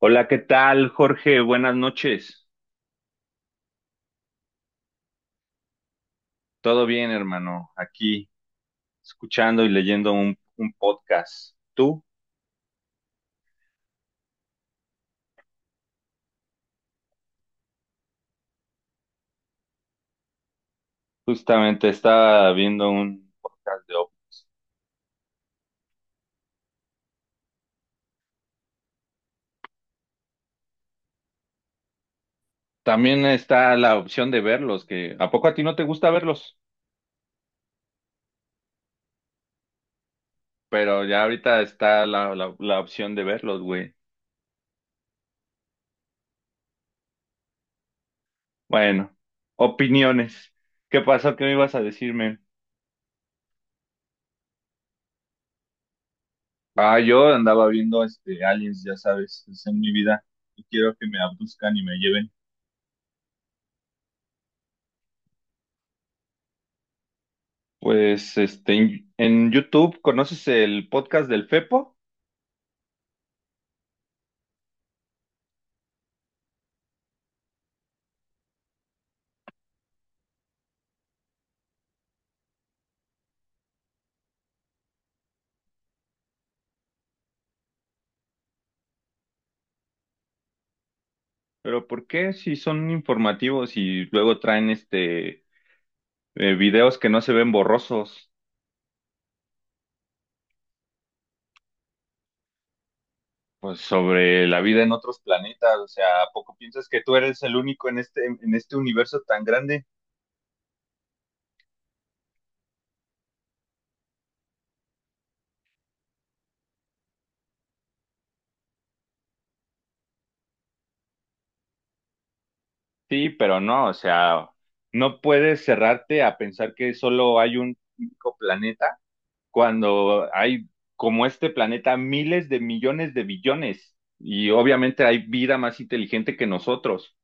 Hola, ¿qué tal, Jorge? Buenas noches. ¿Todo bien, hermano? Aquí escuchando y leyendo un podcast. Tú justamente estaba viendo un podcast de OP. También está la opción de verlos, que ¿a poco a ti no te gusta verlos? Pero ya ahorita está la opción de verlos, güey. Bueno, opiniones. ¿Qué pasó? ¿Qué me ibas a decirme? Ah, yo andaba viendo este Aliens, ya sabes, es en mi vida. Y quiero que me abduzcan y me lleven. Pues este en YouTube conoces el podcast del Fepo, pero ¿por qué si son informativos y luego traen este videos que no se ven borrosos, pues sobre la vida en otros planetas, o sea, ¿a poco piensas que tú eres el único en este universo tan grande? Sí, pero no, o sea, no puedes cerrarte a pensar que solo hay un único planeta cuando hay como este planeta miles de millones de billones y obviamente hay vida más inteligente que nosotros.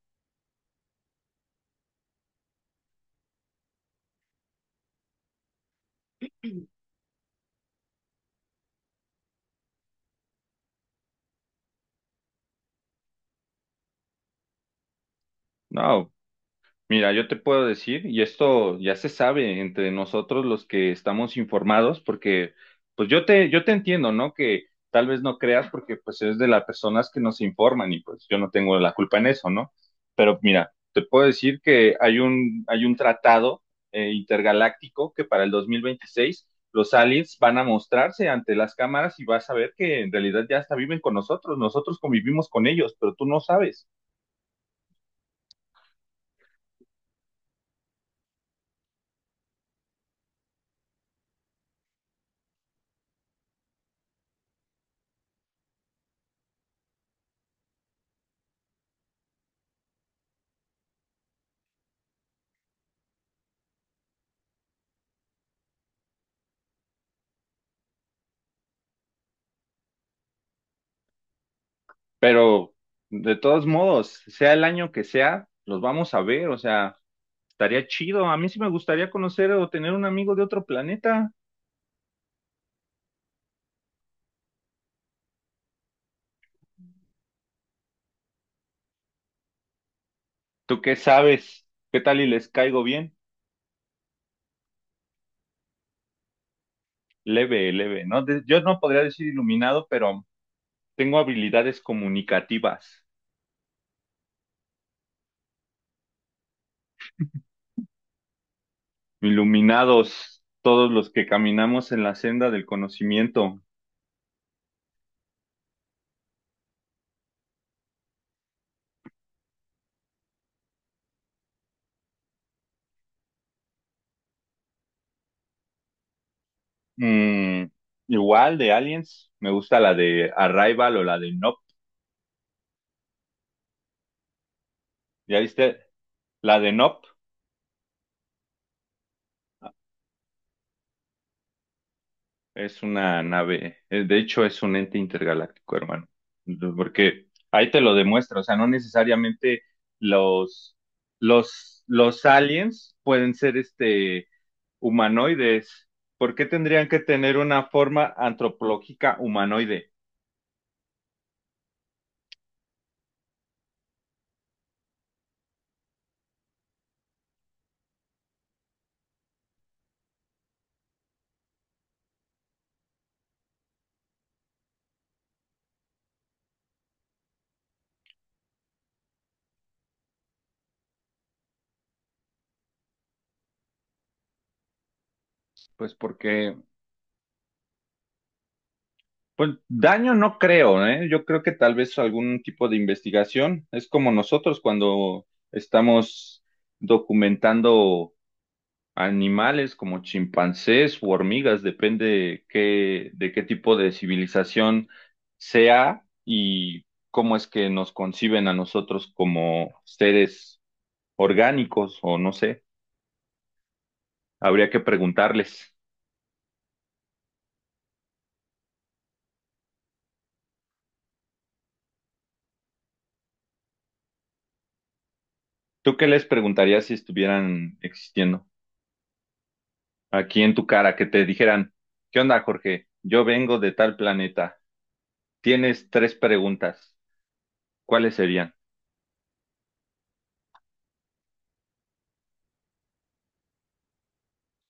No, mira, yo te puedo decir, y esto ya se sabe entre nosotros los que estamos informados, porque pues yo te entiendo, ¿no? Que tal vez no creas porque pues es de las personas que nos informan y pues yo no tengo la culpa en eso, ¿no? Pero mira, te puedo decir que hay hay un tratado intergaláctico que para el 2026 los aliens van a mostrarse ante las cámaras y vas a ver que en realidad ya hasta viven con nosotros, nosotros convivimos con ellos, pero tú no sabes. Pero de todos modos, sea el año que sea, los vamos a ver, o sea, estaría chido. A mí sí me gustaría conocer o tener un amigo de otro planeta. ¿Tú qué sabes? ¿Qué tal y les caigo bien? Leve, leve, ¿no? De- yo no podría decir iluminado, pero tengo habilidades comunicativas. Iluminados, todos los que caminamos en la senda del conocimiento. Mm, igual de Aliens, me gusta la de Arrival o la de Nope. ¿Ya viste? La de Nope. Es una nave, de hecho es un ente intergaláctico, hermano. Entonces, porque ahí te lo demuestra, o sea, no necesariamente los, los aliens pueden ser humanoides. ¿Por qué tendrían que tener una forma antropológica humanoide? Pues porque, pues daño no creo, ¿eh? Yo creo que tal vez algún tipo de investigación, es como nosotros cuando estamos documentando animales como chimpancés u hormigas, depende qué, de qué tipo de civilización sea y cómo es que nos conciben a nosotros como seres orgánicos o no sé, habría que preguntarles. ¿Tú qué les preguntarías si estuvieran existiendo aquí en tu cara, que te dijeran, ¿qué onda, Jorge? Yo vengo de tal planeta. Tienes tres preguntas. ¿Cuáles serían?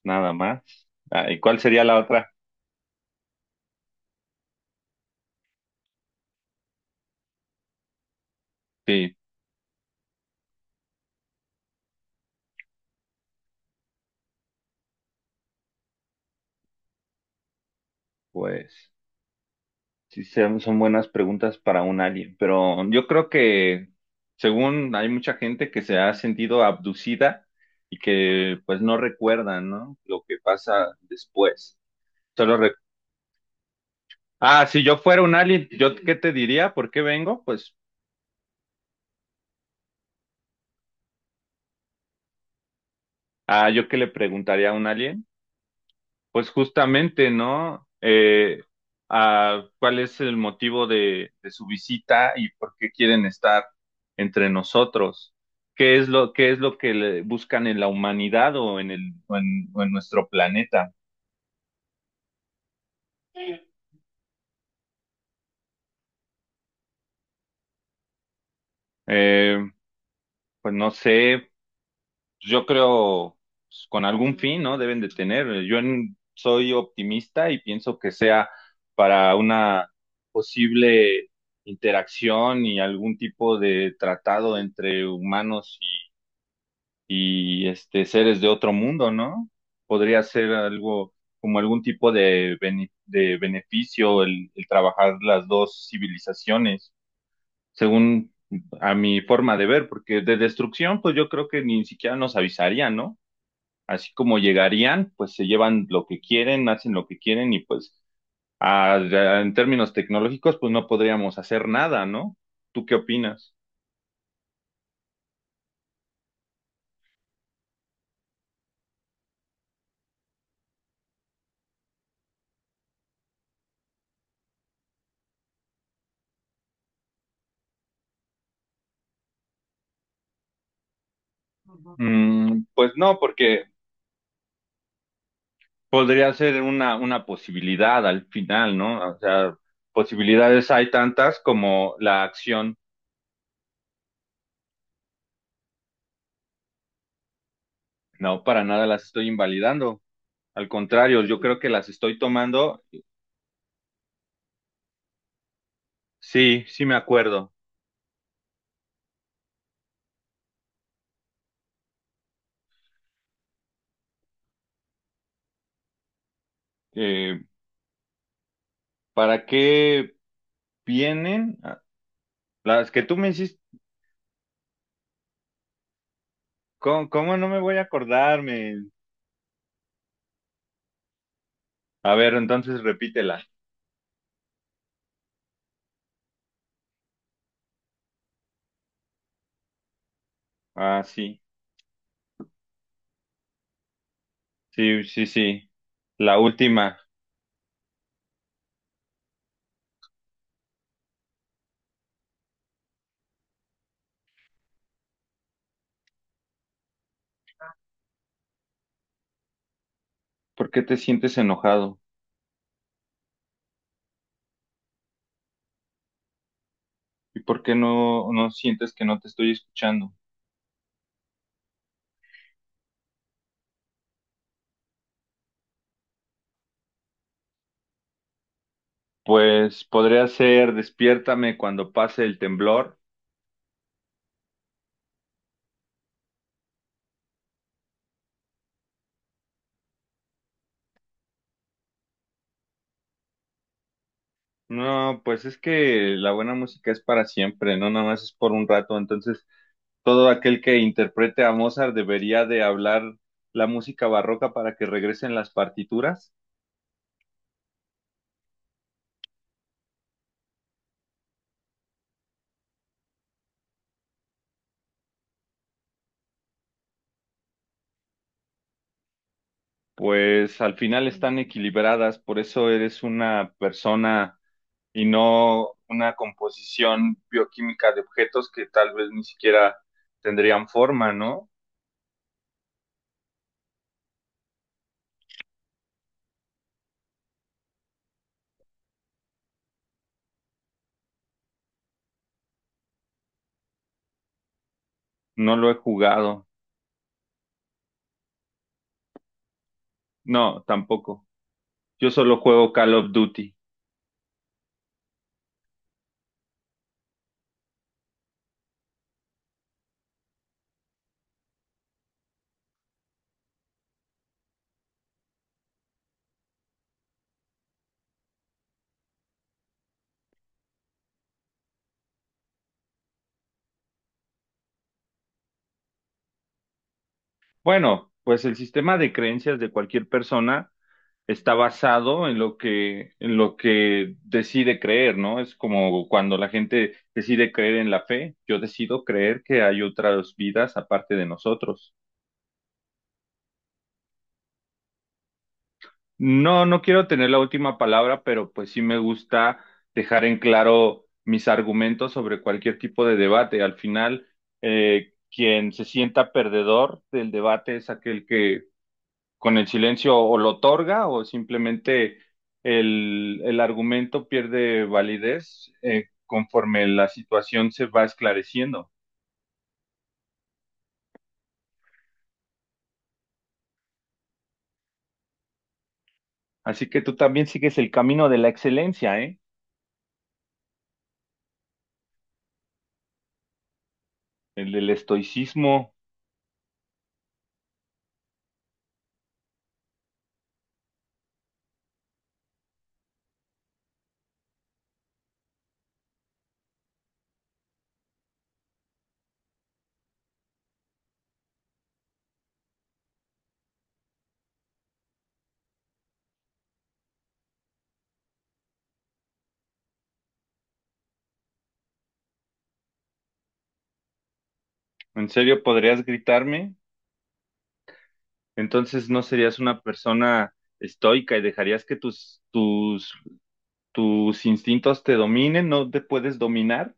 Nada más. Ah, ¿y cuál sería la otra? Sí, pues. Sí, son buenas preguntas para un alien, pero yo creo que según hay mucha gente que se ha sentido abducida y que pues no recuerda, ¿no? Lo que pasa después. Solo re- Ah, si yo fuera un alien, ¿yo qué te diría? ¿Por qué vengo? Pues, ah, yo qué le preguntaría a un alien. Pues justamente, ¿no? ¿Cuál es el motivo de su visita y por qué quieren estar entre nosotros? ¿Qué qué es lo que le- buscan en la humanidad o en o en nuestro planeta? Eh, pues no sé, pues, yo creo pues, con algún fin, ¿no? Deben de tener. Yo en- soy optimista y pienso que sea para una posible interacción y algún tipo de tratado entre humanos este seres de otro mundo, ¿no? Podría ser algo como algún tipo de bene- de beneficio el trabajar las dos civilizaciones, según a mi forma de ver, porque de destrucción, pues yo creo que ni siquiera nos avisaría, ¿no? Así como llegarían, pues se llevan lo que quieren, hacen lo que quieren y pues a- en términos tecnológicos, pues no podríamos hacer nada, ¿no? ¿Tú qué opinas? Pues no, porque podría ser una posibilidad al final, ¿no? O sea, posibilidades hay tantas como la acción. No, para nada las estoy invalidando. Al contrario, yo creo que las estoy tomando. Sí, sí me acuerdo. Eh, ¿Para qué vienen? Ah, las que tú me hiciste. ¿Cómo, cómo no me voy a acordarme? A ver, entonces repítela. Ah, sí. La última. ¿Por qué te sientes enojado? ¿Y por qué no sientes que no te estoy escuchando? Pues podría ser despiértame cuando pase el temblor. No, pues es que la buena música es para siempre, no nada más es por un rato. Entonces, todo aquel que interprete a Mozart debería de hablar la música barroca para que regresen las partituras. Pues al final están equilibradas, por eso eres una persona y no una composición bioquímica de objetos que tal vez ni siquiera tendrían forma, ¿no? No lo he jugado. No, tampoco. Yo solo juego Call of Duty. Bueno, pues el sistema de creencias de cualquier persona está basado en lo en lo que decide creer, ¿no? Es como cuando la gente decide creer en la fe, yo decido creer que hay otras vidas aparte de nosotros. No, no quiero tener la última palabra, pero pues sí me gusta dejar en claro mis argumentos sobre cualquier tipo de debate. Al final, quien se sienta perdedor del debate es aquel que con el silencio o lo otorga o simplemente el argumento pierde validez conforme la situación se va esclareciendo. Así que tú también sigues el camino de la excelencia, ¿eh? El del estoicismo. ¿En serio podrías gritarme? Entonces no serías una persona estoica y dejarías que tus instintos te dominen, no te puedes dominar.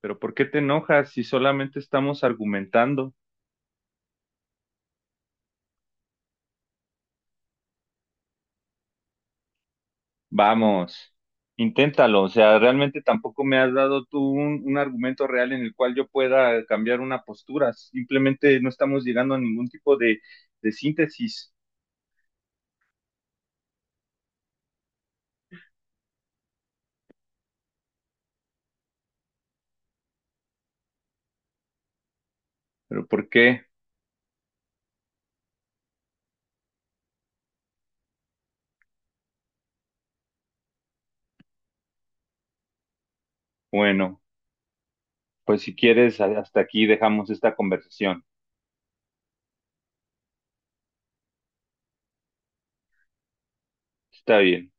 Pero ¿por qué te enojas si solamente estamos argumentando? Vamos, inténtalo. O sea, realmente tampoco me has dado tú un argumento real en el cual yo pueda cambiar una postura. Simplemente no estamos llegando a ningún tipo de síntesis. ¿Pero por qué? Bueno, pues si quieres, hasta aquí dejamos esta conversación. Está bien.